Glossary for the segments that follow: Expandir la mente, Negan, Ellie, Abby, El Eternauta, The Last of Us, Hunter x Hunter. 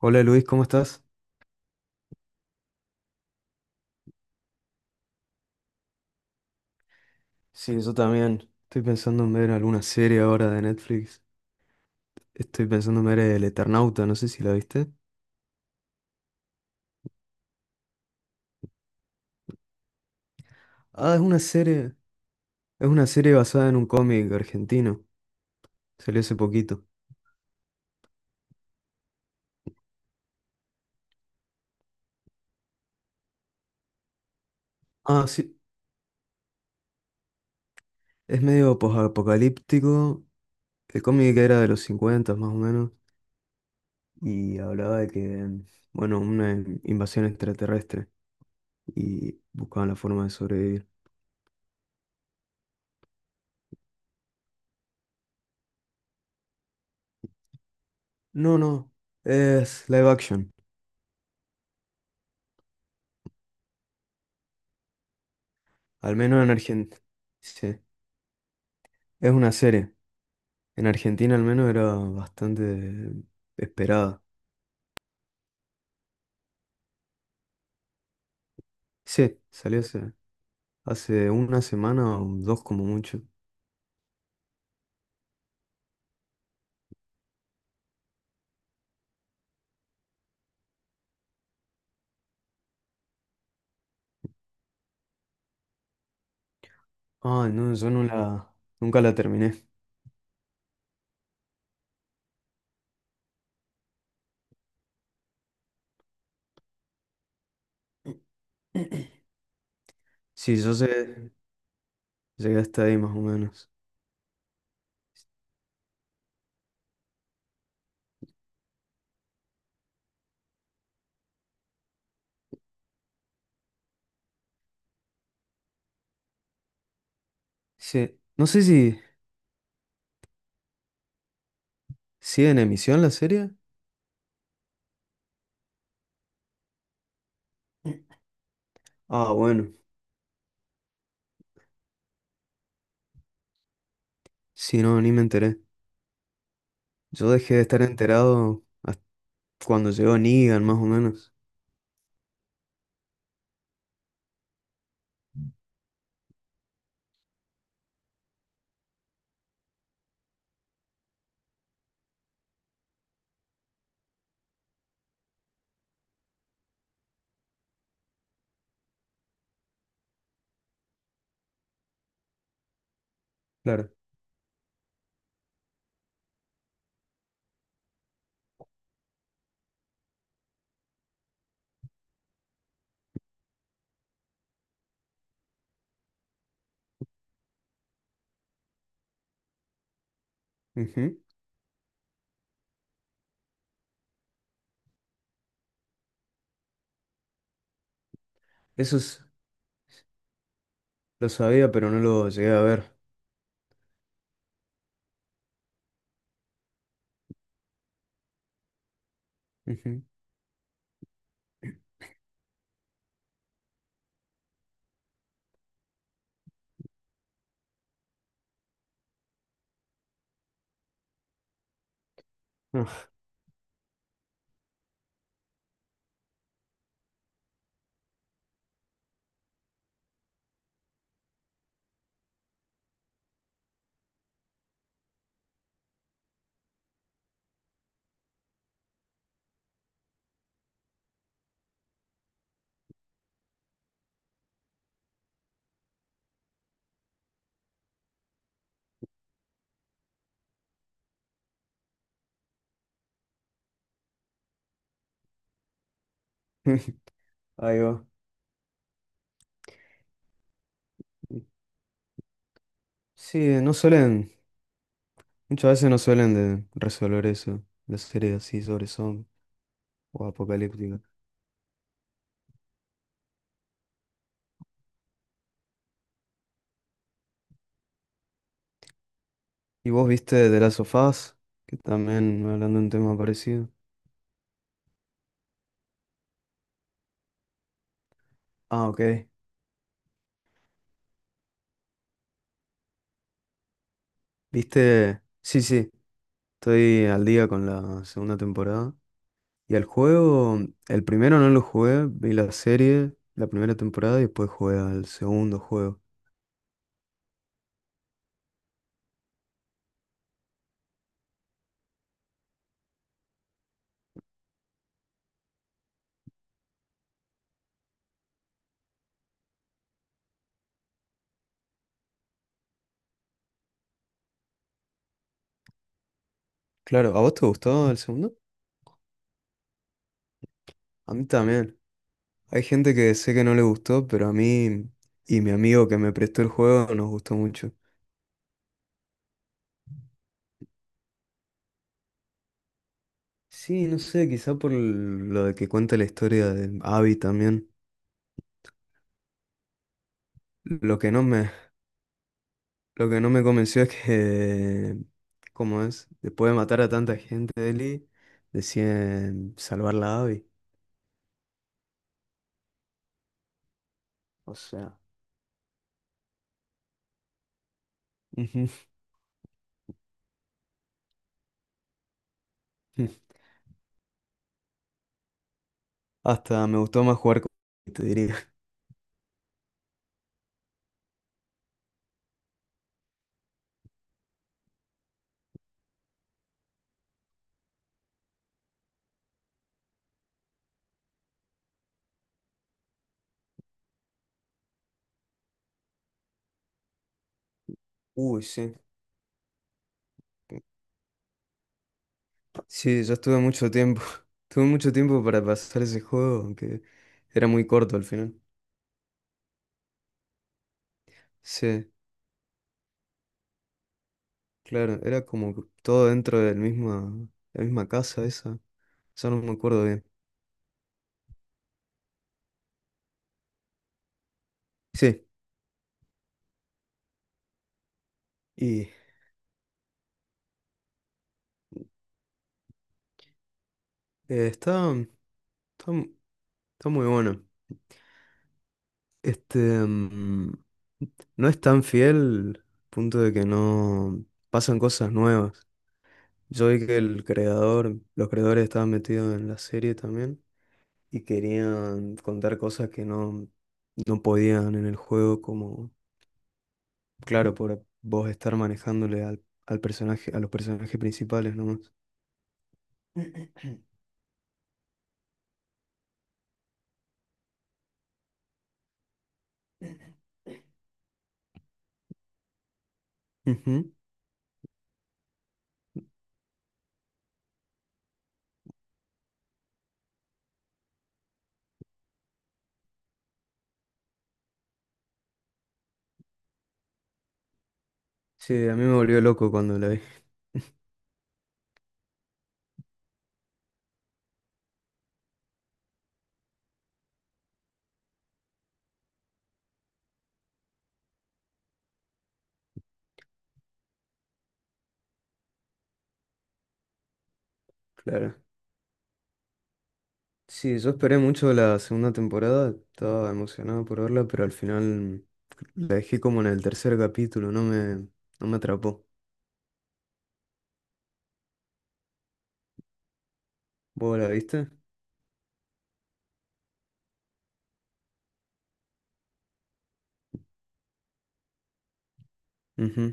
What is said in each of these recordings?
Hola Luis, ¿cómo estás? Sí, yo también. Estoy pensando en ver alguna serie ahora de Netflix. Estoy pensando en ver El Eternauta, no sé si la viste. Ah, es una serie basada en un cómic argentino. Salió hace poquito. Ah, sí, es medio posapocalíptico. El cómic era de los 50 más o menos y hablaba de que, bueno, una invasión extraterrestre y buscaban la forma de sobrevivir. No, no, es live action, al menos en Argentina. Sí, es una serie. En Argentina al menos era bastante esperada. Sí, salió hace una semana o dos como mucho. Ah, no, yo no la, nunca la terminé. Sí, yo sé, llegué hasta ahí más o menos. Sí, no sé si sigue en emisión la serie. Ah, bueno, sí, no, ni me enteré. Yo dejé de estar enterado hasta cuando llegó Negan, más o menos. Claro. Ujú. Eso es- lo sabía, pero no lo llegué a ver. Ujú. Ah, ahí va. Sí, muchas veces no suelen de resolver eso, las series así sobre zombies o apocalípticas. ¿Y vos viste The Last of Us? Que también hablando de un tema parecido. Ah, ok. ¿Viste? Sí, sí, estoy al día con la segunda temporada. Y el juego, el primero no lo jugué, vi la serie, la primera temporada y después jugué al segundo juego. Claro, ¿a vos te gustó el segundo? A mí también. Hay gente que sé que no le gustó, pero a mí y mi amigo que me prestó el juego nos gustó mucho. Sí, no sé, quizá por lo de que cuenta la historia de Abby también. Lo que no me, lo que no me convenció es que, ¿cómo es? Después de matar a tanta gente, Ellie, deciden salvarla a Abby. O sea, ujú. Hasta me gustó más jugar con te diría. Uy, sí. Sí, yo estuve mucho tiempo. Tuve mucho tiempo para pasar ese juego, aunque era muy corto al final. Sí, claro, era como que todo dentro la misma casa esa. Ya no me acuerdo bien. Sí, y eh, está, está, mu- está muy bueno. Este, no es tan fiel, punto de que no pasan cosas nuevas. Yo vi que el creador, los creadores estaban metidos en la serie también y querían contar cosas que no, no podían en el juego, como claro, por vos estar manejándole al personaje, a los personajes principales nomás. Ujú. Sí, a mí me volvió loco cuando la vi, claro. Sí, yo esperé mucho la segunda temporada, estaba emocionado por verla, pero al final la dejé como en el tercer capítulo, no me atrapó. ¿Vos la viste? Ujú.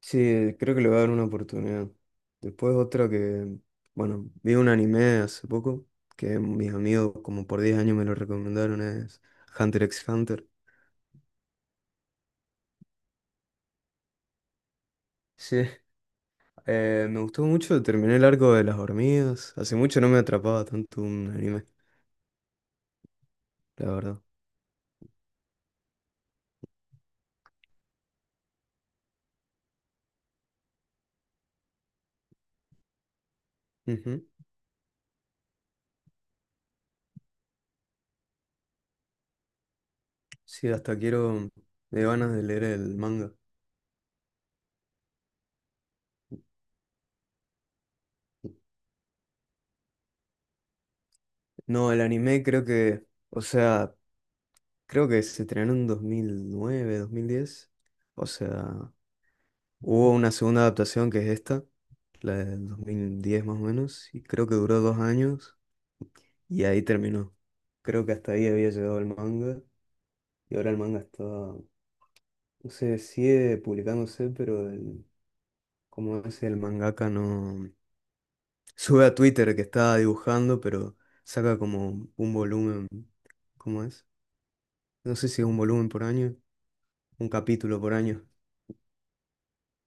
Sí, creo que le voy a dar una oportunidad. Después otra que, bueno, vi un anime hace poco que mis amigos como por 10 años me lo recomendaron, es Hunter x Hunter. Sí, me gustó mucho, terminé el arco de las hormigas. Hace mucho no me atrapaba tanto un anime, la verdad. Ujú. Sí, me dio ganas de leer el manga. No, el anime creo que, o sea, creo que se estrenó en dos mil nueve 2010. O sea... Hubo una segunda adaptación que es esta, la del 2010 más o menos, y creo que duró 2 años y ahí terminó. Creo que hasta ahí había llegado el manga y ahora el manga está, no sé, sigue publicándose, pero el, como es el mangaka no sube a Twitter que está dibujando, pero saca como un volumen, ¿cómo es? No sé si es un volumen por año, un capítulo por año.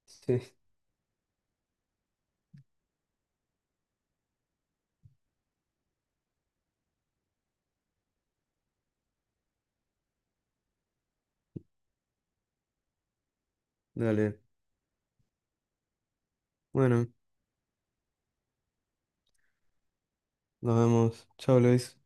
Sí, dale. Bueno, nos vemos. Chao, Luis.